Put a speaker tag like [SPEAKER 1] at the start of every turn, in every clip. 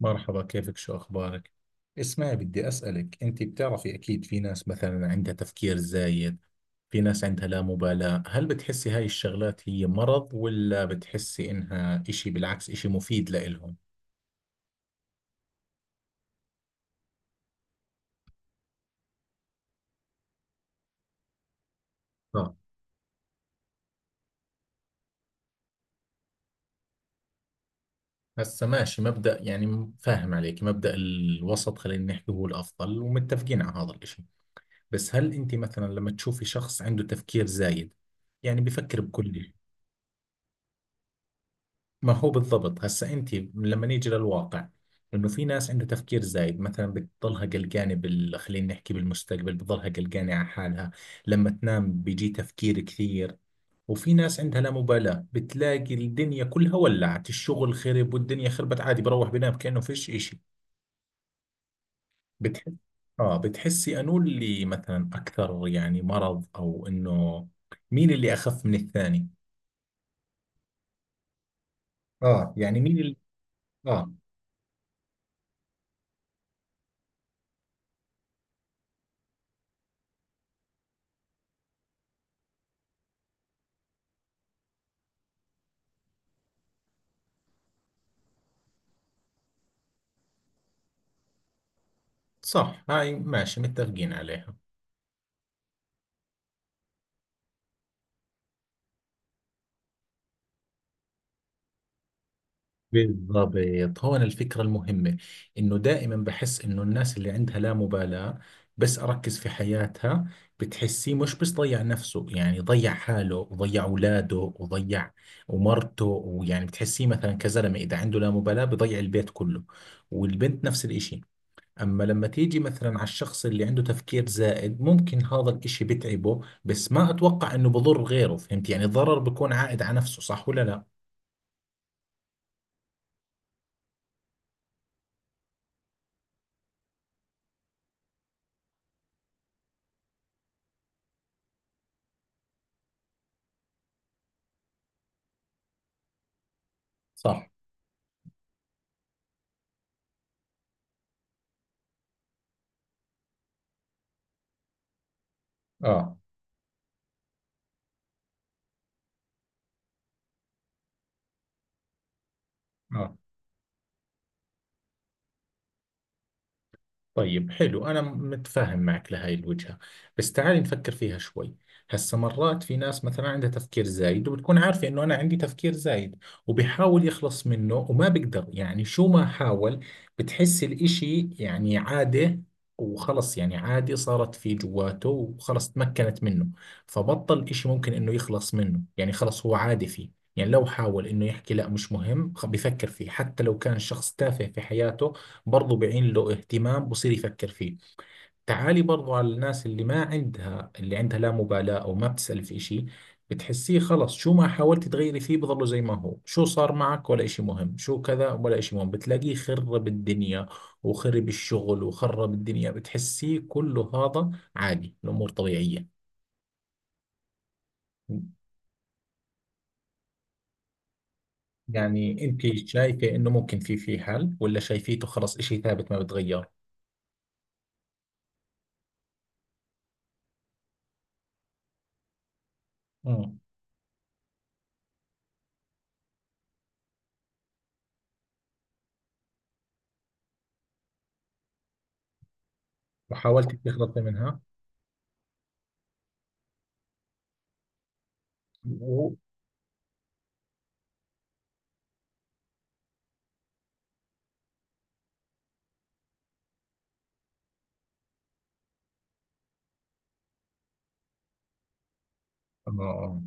[SPEAKER 1] مرحبا، كيفك؟ شو أخبارك؟ اسمعي، بدي أسألك. أنت بتعرفي أكيد في ناس مثلا عندها تفكير زايد، في ناس عندها لا مبالاة. هل بتحسي هاي الشغلات هي مرض ولا بتحسي إنها إشي بالعكس إشي مفيد لإلهم؟ آه. هسا ماشي مبدأ، يعني فاهم عليك مبدأ الوسط، خلينا نحكي هو الأفضل ومتفقين على هذا الإشي. بس هل أنت مثلا لما تشوفي شخص عنده تفكير زايد، يعني بفكر بكل. ما هو بالضبط، هسا انت لما نيجي للواقع، انه في ناس عندها تفكير زايد مثلا بتضلها قلقانه خلينا نحكي بالمستقبل، بتضلها قلقانه على حالها، لما تنام بيجي تفكير كثير. وفي ناس عندها لا مبالاة، بتلاقي الدنيا كلها ولعت، الشغل خرب والدنيا خربت، عادي بروح بنام كأنه فيش إشي. بتحس. آه. بتحسي أنو اللي مثلا أكثر يعني مرض أو إنه، مين اللي أخف من الثاني؟ آه يعني مين اللي. آه. صح، هاي ماشي متفقين عليها. بالضبط، هون الفكرة المهمة. إنه دائما بحس إنه الناس اللي عندها لا مبالاة، بس أركز في حياتها، بتحسيه مش بس ضيع نفسه، يعني ضيع حاله وضيع أولاده وضيع ومرته، ويعني بتحسيه مثلا كزلمة إذا عنده لا مبالاة بضيع البيت كله، والبنت نفس الإشي. أما لما تيجي مثلا على الشخص اللي عنده تفكير زائد، ممكن هذا الإشي بتعبه، بس ما أتوقع إنه بضر غيره. فهمت يعني، الضرر بيكون عائد على نفسه، صح ولا لا؟ صح. اه اه. طيب حلو، أنا متفاهم معك لهاي الوجهة، بس تعالي نفكر فيها شوي. هسا مرات في ناس مثلا عندها تفكير زايد وبتكون عارفة إنه أنا عندي تفكير زايد، وبيحاول يخلص منه وما بيقدر، يعني شو ما حاول. بتحس الإشي يعني عادة، وخلص يعني عادي صارت في جواته وخلص تمكنت منه، فبطل إشي ممكن إنه يخلص منه، يعني خلص هو عادي فيه. يعني لو حاول إنه يحكي لا مش مهم، بيفكر فيه حتى لو كان شخص تافه في حياته، برضو بعين له اهتمام، بصير يفكر فيه. تعالي برضو على الناس اللي ما عندها اللي عندها لا مبالاة أو ما بتسأل في إشي، بتحسيه خلص شو ما حاولت تغيري فيه بضله زي ما هو، شو صار معك ولا إشي مهم، شو كذا ولا إشي مهم، بتلاقيه خرب الدنيا وخرب الشغل وخرب الدنيا، بتحسيه كله هذا عادي، الأمور طبيعية. يعني أنت شايفة إنه ممكن في حل ولا شايفيته خلص إشي ثابت ما بتغير؟ مم. وحاولت تخلصي منها. و... آه.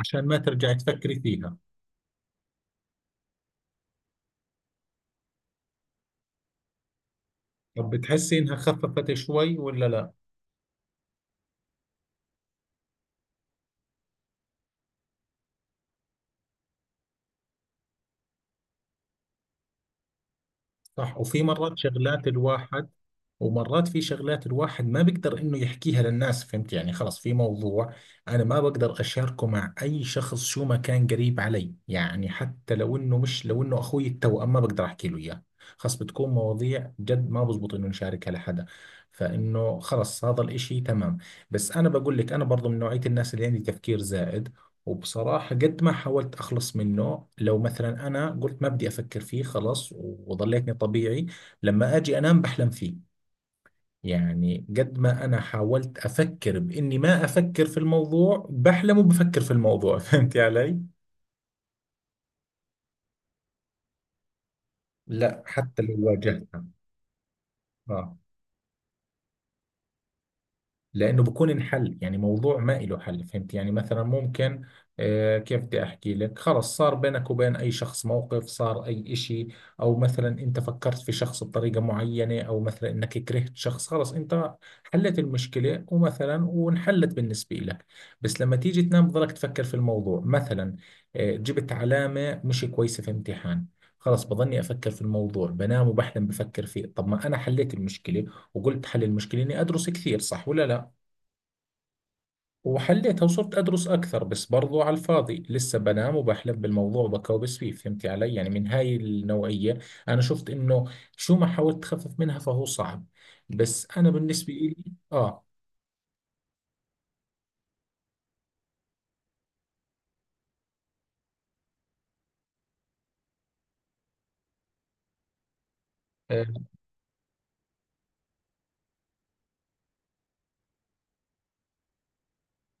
[SPEAKER 1] عشان ما ترجعي تفكري فيها. طب بتحسي انها خففت شوي ولا لا؟ صح، وفي مرات شغلات الواحد. ومرات في شغلات الواحد ما بيقدر انه يحكيها للناس. فهمت يعني، خلص في موضوع انا ما بقدر اشاركه مع اي شخص شو ما كان قريب علي، يعني حتى لو انه مش، لو انه اخوي التوأم ما بقدر احكي له اياه، خلص بتكون مواضيع جد ما بزبط انه نشاركها لحدا. فانه خلص هذا الاشي تمام. بس انا بقول لك، انا برضو من نوعية الناس اللي عندي تفكير زائد. وبصراحة قد ما حاولت أخلص منه، لو مثلا أنا قلت ما بدي أفكر فيه خلاص وظليتني طبيعي، لما أجي أنام بحلم فيه. يعني قد ما أنا حاولت أفكر بإني ما أفكر في الموضوع، بحلم وبفكر في الموضوع فهمت علي؟ لا حتى لو واجهتها. آه. لانه بكون انحل، يعني موضوع ما إله حل فهمت يعني، مثلا ممكن، آه كيف بدي احكي لك، خلص صار بينك وبين اي شخص موقف، صار اي اشي، او مثلا انت فكرت في شخص بطريقة معينة، او مثلا انك كرهت شخص، خلص انت حلت المشكلة ومثلا وانحلت بالنسبة لك، بس لما تيجي تنام بضلك تفكر في الموضوع. مثلا آه جبت علامة مش كويسة في امتحان، خلص بضلني افكر في الموضوع، بنام وبحلم بفكر فيه. طب ما انا حليت المشكلة، وقلت حل المشكلة اني ادرس كثير صح ولا لا، وحليتها وصرت أدرس أكثر، بس برضو على الفاضي لسه بنام وبحلم بالموضوع وبكوبس فيه. فهمتي علي، يعني من هاي النوعية. أنا شفت إنه شو ما حاولت تخفف منها فهو صعب، بس أنا بالنسبة إلي. آه آه،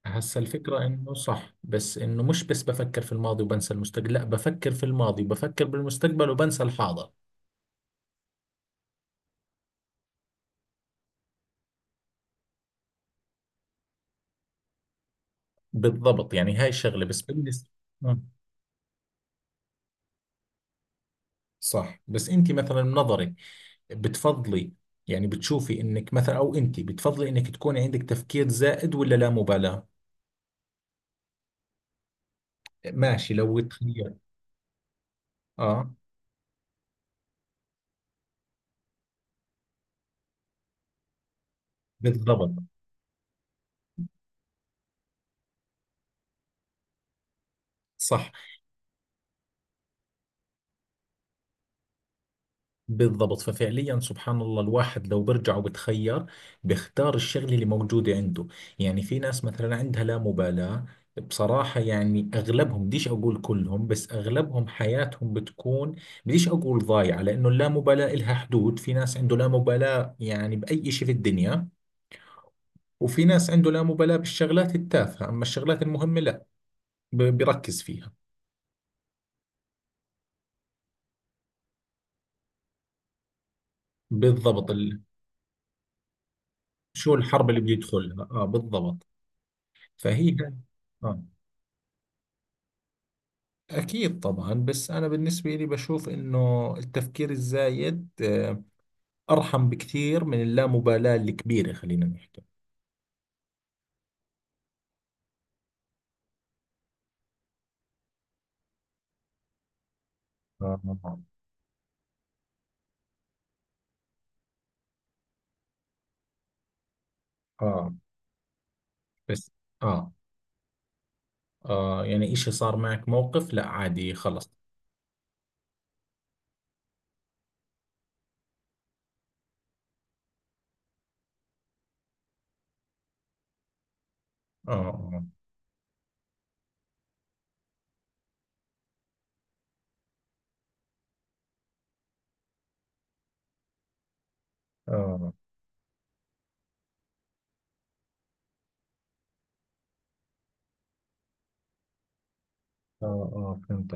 [SPEAKER 1] هسا الفكرة إنه صح، بس إنه مش بس بفكر في الماضي وبنسى المستقبل، لا بفكر في الماضي وبفكر بالمستقبل وبنسى الحاضر. بالضبط يعني هاي الشغلة، بس بالنسبة، آه، صح. بس أنت مثلا من نظرك بتفضلي، يعني بتشوفي انك مثلا او انت بتفضلي انك تكوني عندك تفكير زائد ولا لا مبالاة؟ ماشي، لو تخير. اه. بالضبط. صح. بالضبط، ففعليا سبحان الله الواحد لو برجع وبتخير بيختار الشغلة اللي موجودة عنده. يعني في ناس مثلا عندها لا مبالاة، بصراحة يعني أغلبهم، بديش أقول كلهم بس أغلبهم، حياتهم بتكون، بديش أقول ضايعة لأنه اللامبالاة إلها حدود. في ناس عنده لا مبالاة يعني بأي شيء في الدنيا، وفي ناس عنده لا مبالاة بالشغلات التافهة أما الشغلات المهمة لا، بيركز فيها. بالضبط. شو الحرب اللي بيدخلها، آه بالضبط. فهي، آه. أكيد طبعا، بس أنا بالنسبة لي بشوف إنه التفكير الزايد، آه، أرحم بكثير من اللامبالاة الكبيرة خلينا نحكي. آه آه آه. بس. آه آه، يعني إشي صار معك موقف لا عادي خلص. آه آه. آه آه, آه. فهمت.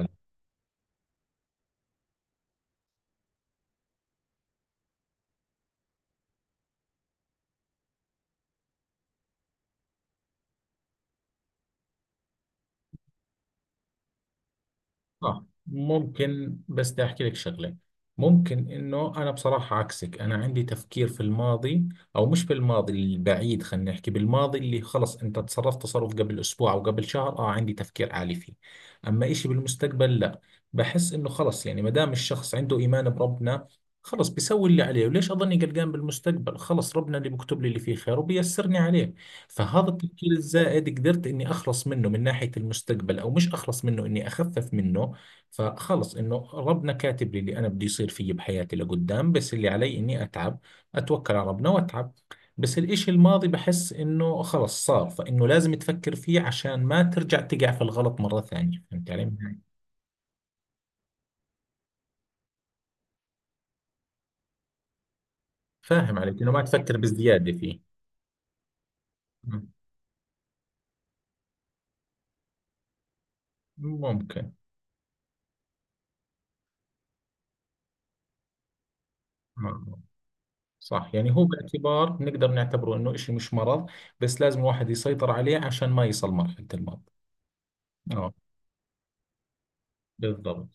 [SPEAKER 1] صح ممكن، بس بدي احكي لك شغله. ممكن انه انا بصراحه عكسك، انا عندي تفكير في الماضي، او مش في الماضي البعيد، خلينا نحكي بالماضي اللي خلص انت تصرفت تصرف قبل اسبوع او قبل شهر، اه عندي تفكير عالي فيه. اما إشي بالمستقبل لا، بحس انه خلص، يعني ما دام الشخص عنده ايمان بربنا، خلص بيسوي اللي عليه، وليش اظني قلقان بالمستقبل، خلص ربنا اللي بيكتب لي اللي فيه خير وبيسرني عليه. فهذا التفكير الزائد قدرت اني اخلص منه من ناحية المستقبل، او مش اخلص منه اني اخفف منه. فخلص انه ربنا كاتب لي اللي انا بدي يصير فيي بحياتي لقدام، بس اللي علي اني اتعب، اتوكل على ربنا واتعب. بس الاشي الماضي بحس انه خلص صار، فانه لازم تفكر فيه عشان ما ترجع تقع في الغلط مرة ثانية، فهمت علي؟ فاهم عليك انه ما تفكر بزيادة فيه. مم. ممكن. مم. صح، يعني هو باعتبار نقدر نعتبره انه اشي مش مرض، بس لازم الواحد يسيطر عليه عشان ما يصل مرحلة المرض. اه بالضبط.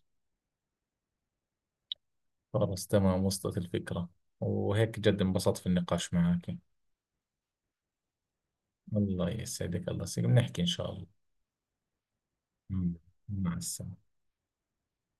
[SPEAKER 1] خلاص تمام، وصلت الفكرة. وهيك جد انبسطت في النقاش معك. الله يسعدك، الله يسعدك، بنحكي إن شاء الله. مم. مع السلامة.